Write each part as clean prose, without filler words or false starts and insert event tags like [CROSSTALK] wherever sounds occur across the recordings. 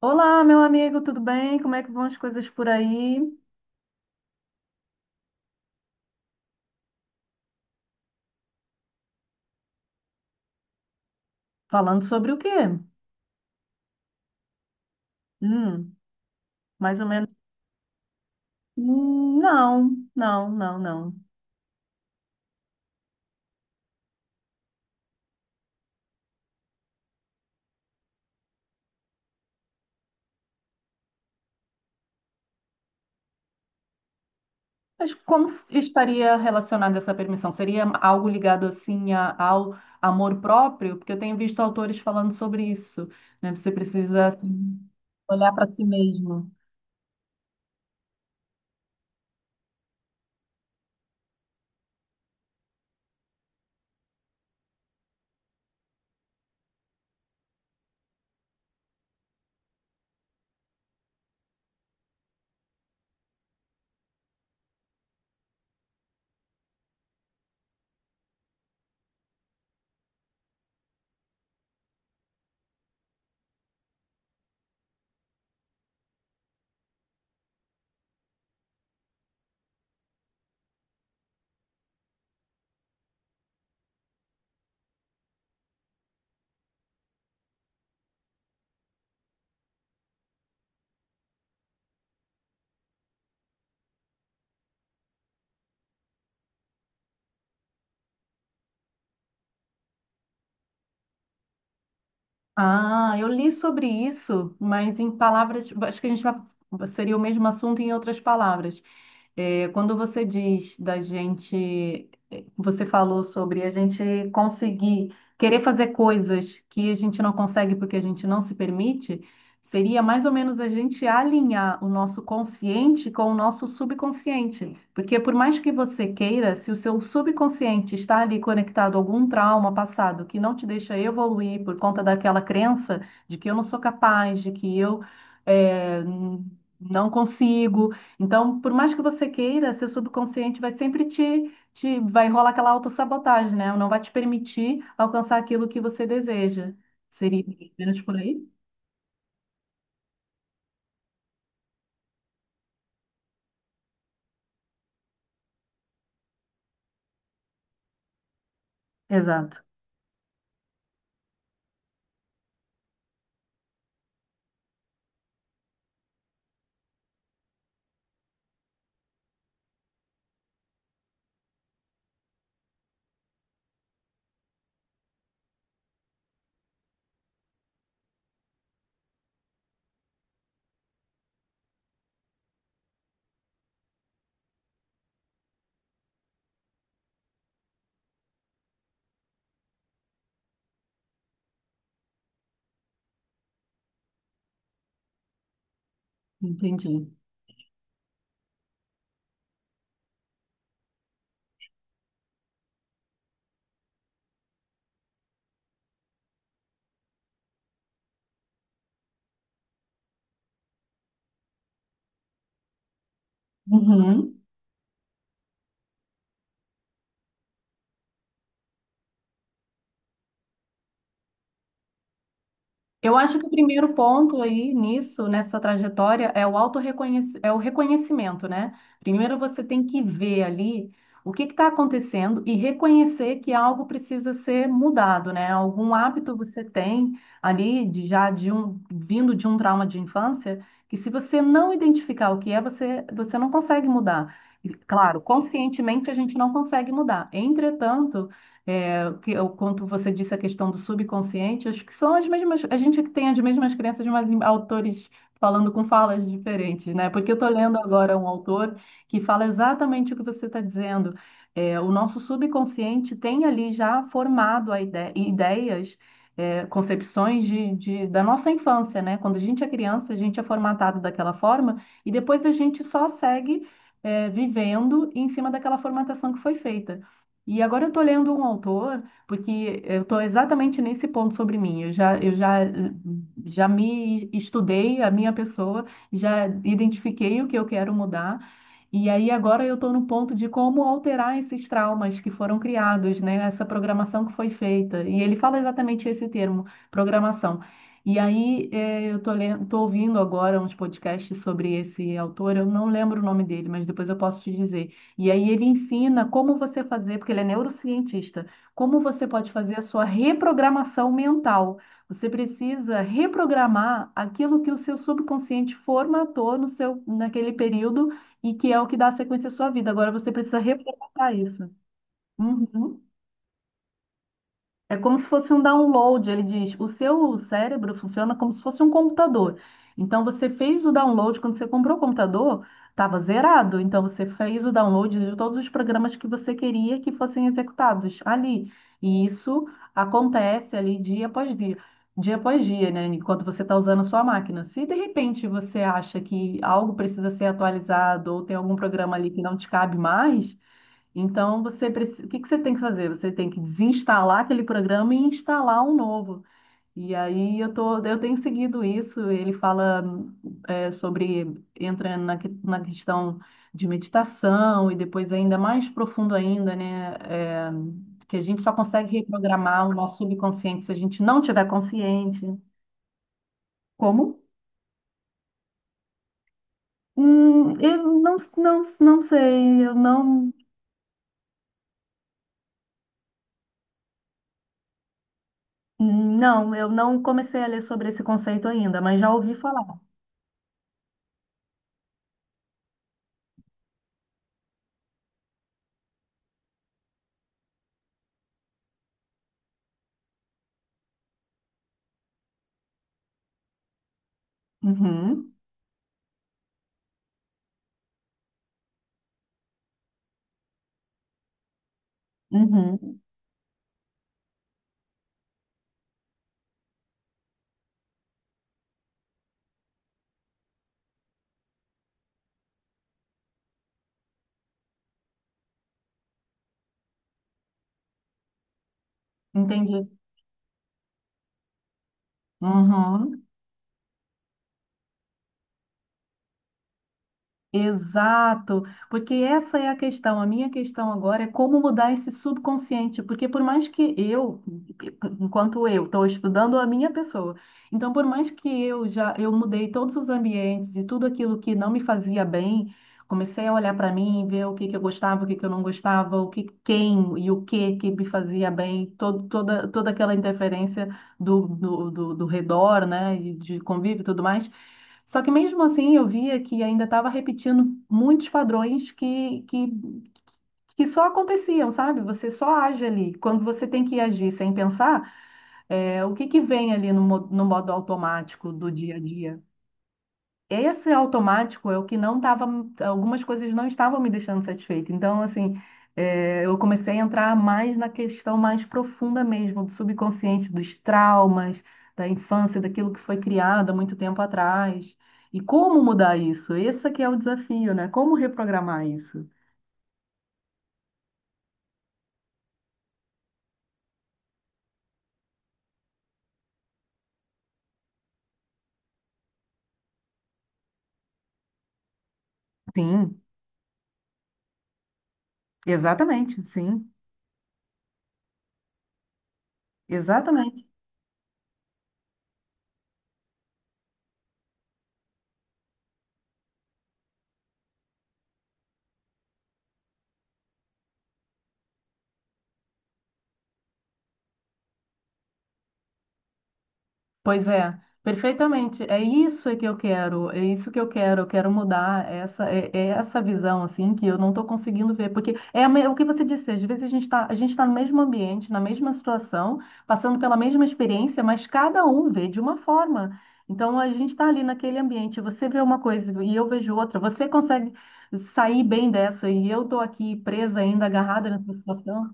Olá, meu amigo, tudo bem? Como é que vão as coisas por aí? Falando sobre o quê? Hum, mais ou menos. Não, não, não, não. Mas como estaria relacionada essa permissão? Seria algo ligado assim ao amor próprio? Porque eu tenho visto autores falando sobre isso, né? Você precisa assim, olhar para si mesmo. Ah, eu li sobre isso, mas em palavras, tipo, acho que a gente vai, seria o mesmo assunto em outras palavras. É, quando você diz da gente, é, você falou sobre a gente conseguir querer fazer coisas que a gente não consegue porque a gente não se permite. Seria mais ou menos a gente alinhar o nosso consciente com o nosso subconsciente. Porque por mais que você queira, se o seu subconsciente está ali conectado a algum trauma passado que não te deixa evoluir por conta daquela crença de que eu não sou capaz, de que eu eh, não consigo. Então, por mais que você queira, seu subconsciente vai sempre te, te vai rolar aquela autossabotagem, né? Não vai te permitir alcançar aquilo que você deseja. Seria menos por aí? Exato. Entendi. Uhum. Eu acho que o primeiro ponto aí nisso, nessa trajetória, é o é o reconhecimento, né? Primeiro você tem que ver ali o que está acontecendo e reconhecer que algo precisa ser mudado, né? Algum hábito você tem ali de já de um vindo de um trauma de infância que se você não identificar o que é, você não consegue mudar. E, claro, conscientemente a gente não consegue mudar. Entretanto, é, que eu, quanto você disse a questão do subconsciente, acho que são as mesmas, a gente é que tem as mesmas crenças, mas em autores falando com falas diferentes, né? Porque eu estou lendo agora um autor que fala exatamente o que você está dizendo. É, o nosso subconsciente tem ali já formado a ideias, é, concepções da nossa infância, né? Quando a gente é criança, a gente é formatado daquela forma e depois a gente só segue, é, vivendo em cima daquela formatação que foi feita. E agora eu estou lendo um autor, porque eu estou exatamente nesse ponto sobre mim. Eu já, já me estudei, a minha pessoa, já identifiquei o que eu quero mudar. E aí agora eu estou no ponto de como alterar esses traumas que foram criados, né? Essa programação que foi feita. E ele fala exatamente esse termo, programação. E aí eu estou ouvindo agora uns podcasts sobre esse autor. Eu não lembro o nome dele, mas depois eu posso te dizer. E aí ele ensina como você fazer, porque ele é neurocientista, como você pode fazer a sua reprogramação mental. Você precisa reprogramar aquilo que o seu subconsciente formatou no seu, naquele período e que é o que dá sequência à sua vida. Agora você precisa reprogramar isso. Uhum. É como se fosse um download, ele diz. O seu cérebro funciona como se fosse um computador. Então você fez o download quando você comprou o computador, estava zerado. Então você fez o download de todos os programas que você queria que fossem executados ali. E isso acontece ali dia após dia, né? Enquanto você está usando a sua máquina. Se de repente você acha que algo precisa ser atualizado ou tem algum programa ali que não te cabe mais então, você o que que você tem que fazer? Você tem que desinstalar aquele programa e instalar um novo. E aí eu tô, eu tenho seguido isso. Ele fala é, sobre entra na, na questão de meditação e depois ainda mais profundo ainda, né? É, que a gente só consegue reprogramar o nosso subconsciente se a gente não tiver consciente. Como? Eu não sei. Eu não comecei a ler sobre esse conceito ainda, mas já ouvi falar. Uhum, uhum, entendi. Uhum. Exato, porque essa é a questão. A minha questão agora é como mudar esse subconsciente, porque por mais que eu, enquanto eu estou estudando a minha pessoa, então por mais que eu já eu mudei todos os ambientes e tudo aquilo que não me fazia bem, comecei a olhar para mim, ver o que que eu gostava, o que que eu não gostava, o que quem e o que que me fazia bem, todo, toda aquela interferência do redor, né, e de convívio e tudo mais. Só que mesmo assim eu via que ainda estava repetindo muitos padrões que só aconteciam, sabe? Você só age ali. Quando você tem que agir sem pensar, é, o que que vem ali no, no modo automático do dia a dia? Esse automático é o que não estava, algumas coisas não estavam me deixando satisfeita. Então, assim, eu comecei a entrar mais na questão mais profunda mesmo, do subconsciente, dos traumas, da infância, daquilo que foi criado há muito tempo atrás. E como mudar isso? Esse aqui é o desafio, né? Como reprogramar isso? Sim, exatamente, sim, exatamente. Pois é, perfeitamente. É isso que eu quero, é isso que eu quero. Eu quero mudar essa, é essa visão assim que eu não estou conseguindo ver, porque é a o que você disse. Às vezes a gente está no mesmo ambiente, na mesma situação, passando pela mesma experiência, mas cada um vê de uma forma. Então a gente está ali naquele ambiente. Você vê uma coisa e eu vejo outra. Você consegue sair bem dessa e eu estou aqui presa ainda, agarrada nessa situação.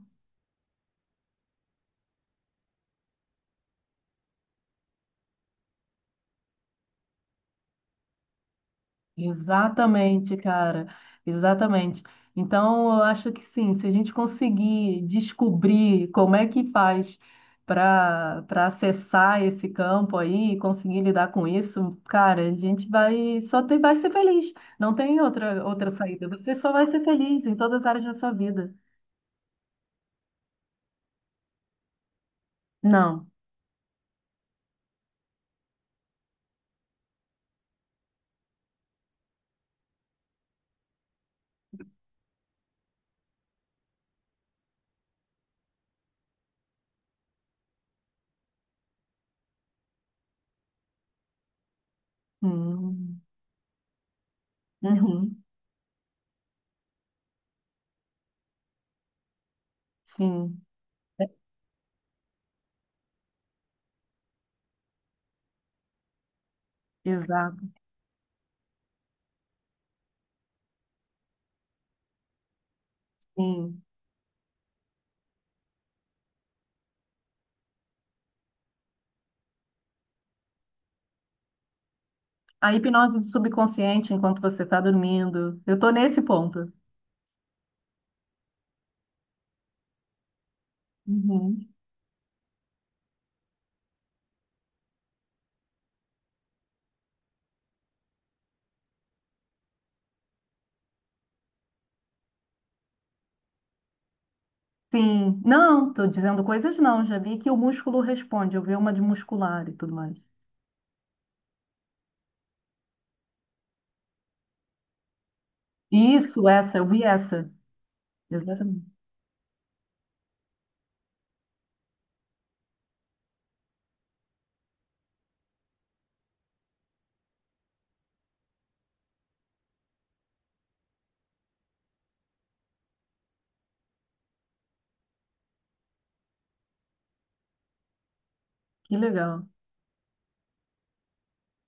Exatamente, cara, exatamente. Então, eu acho que sim, se a gente conseguir descobrir como é que faz para acessar esse campo aí, conseguir lidar com isso, cara, a gente vai ser feliz. Não tem outra saída. Você só vai ser feliz em todas as áreas da sua vida. Não. Hum, uhum, sim, exato, sim. A hipnose do subconsciente enquanto você está dormindo. Eu tô nesse ponto. Uhum. Sim, não, estou dizendo coisas não. Já vi que o músculo responde. Eu vi uma de muscular e tudo mais. Isso, essa, eu vi essa. Exatamente. Que legal.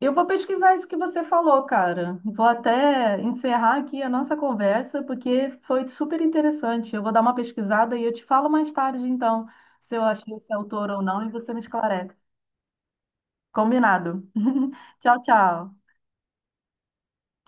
Eu vou pesquisar isso que você falou, cara. Vou até encerrar aqui a nossa conversa, porque foi super interessante. Eu vou dar uma pesquisada e eu te falo mais tarde, então, se eu achei esse autor ou não, e você me esclarece. Combinado. [LAUGHS] Tchau, tchau.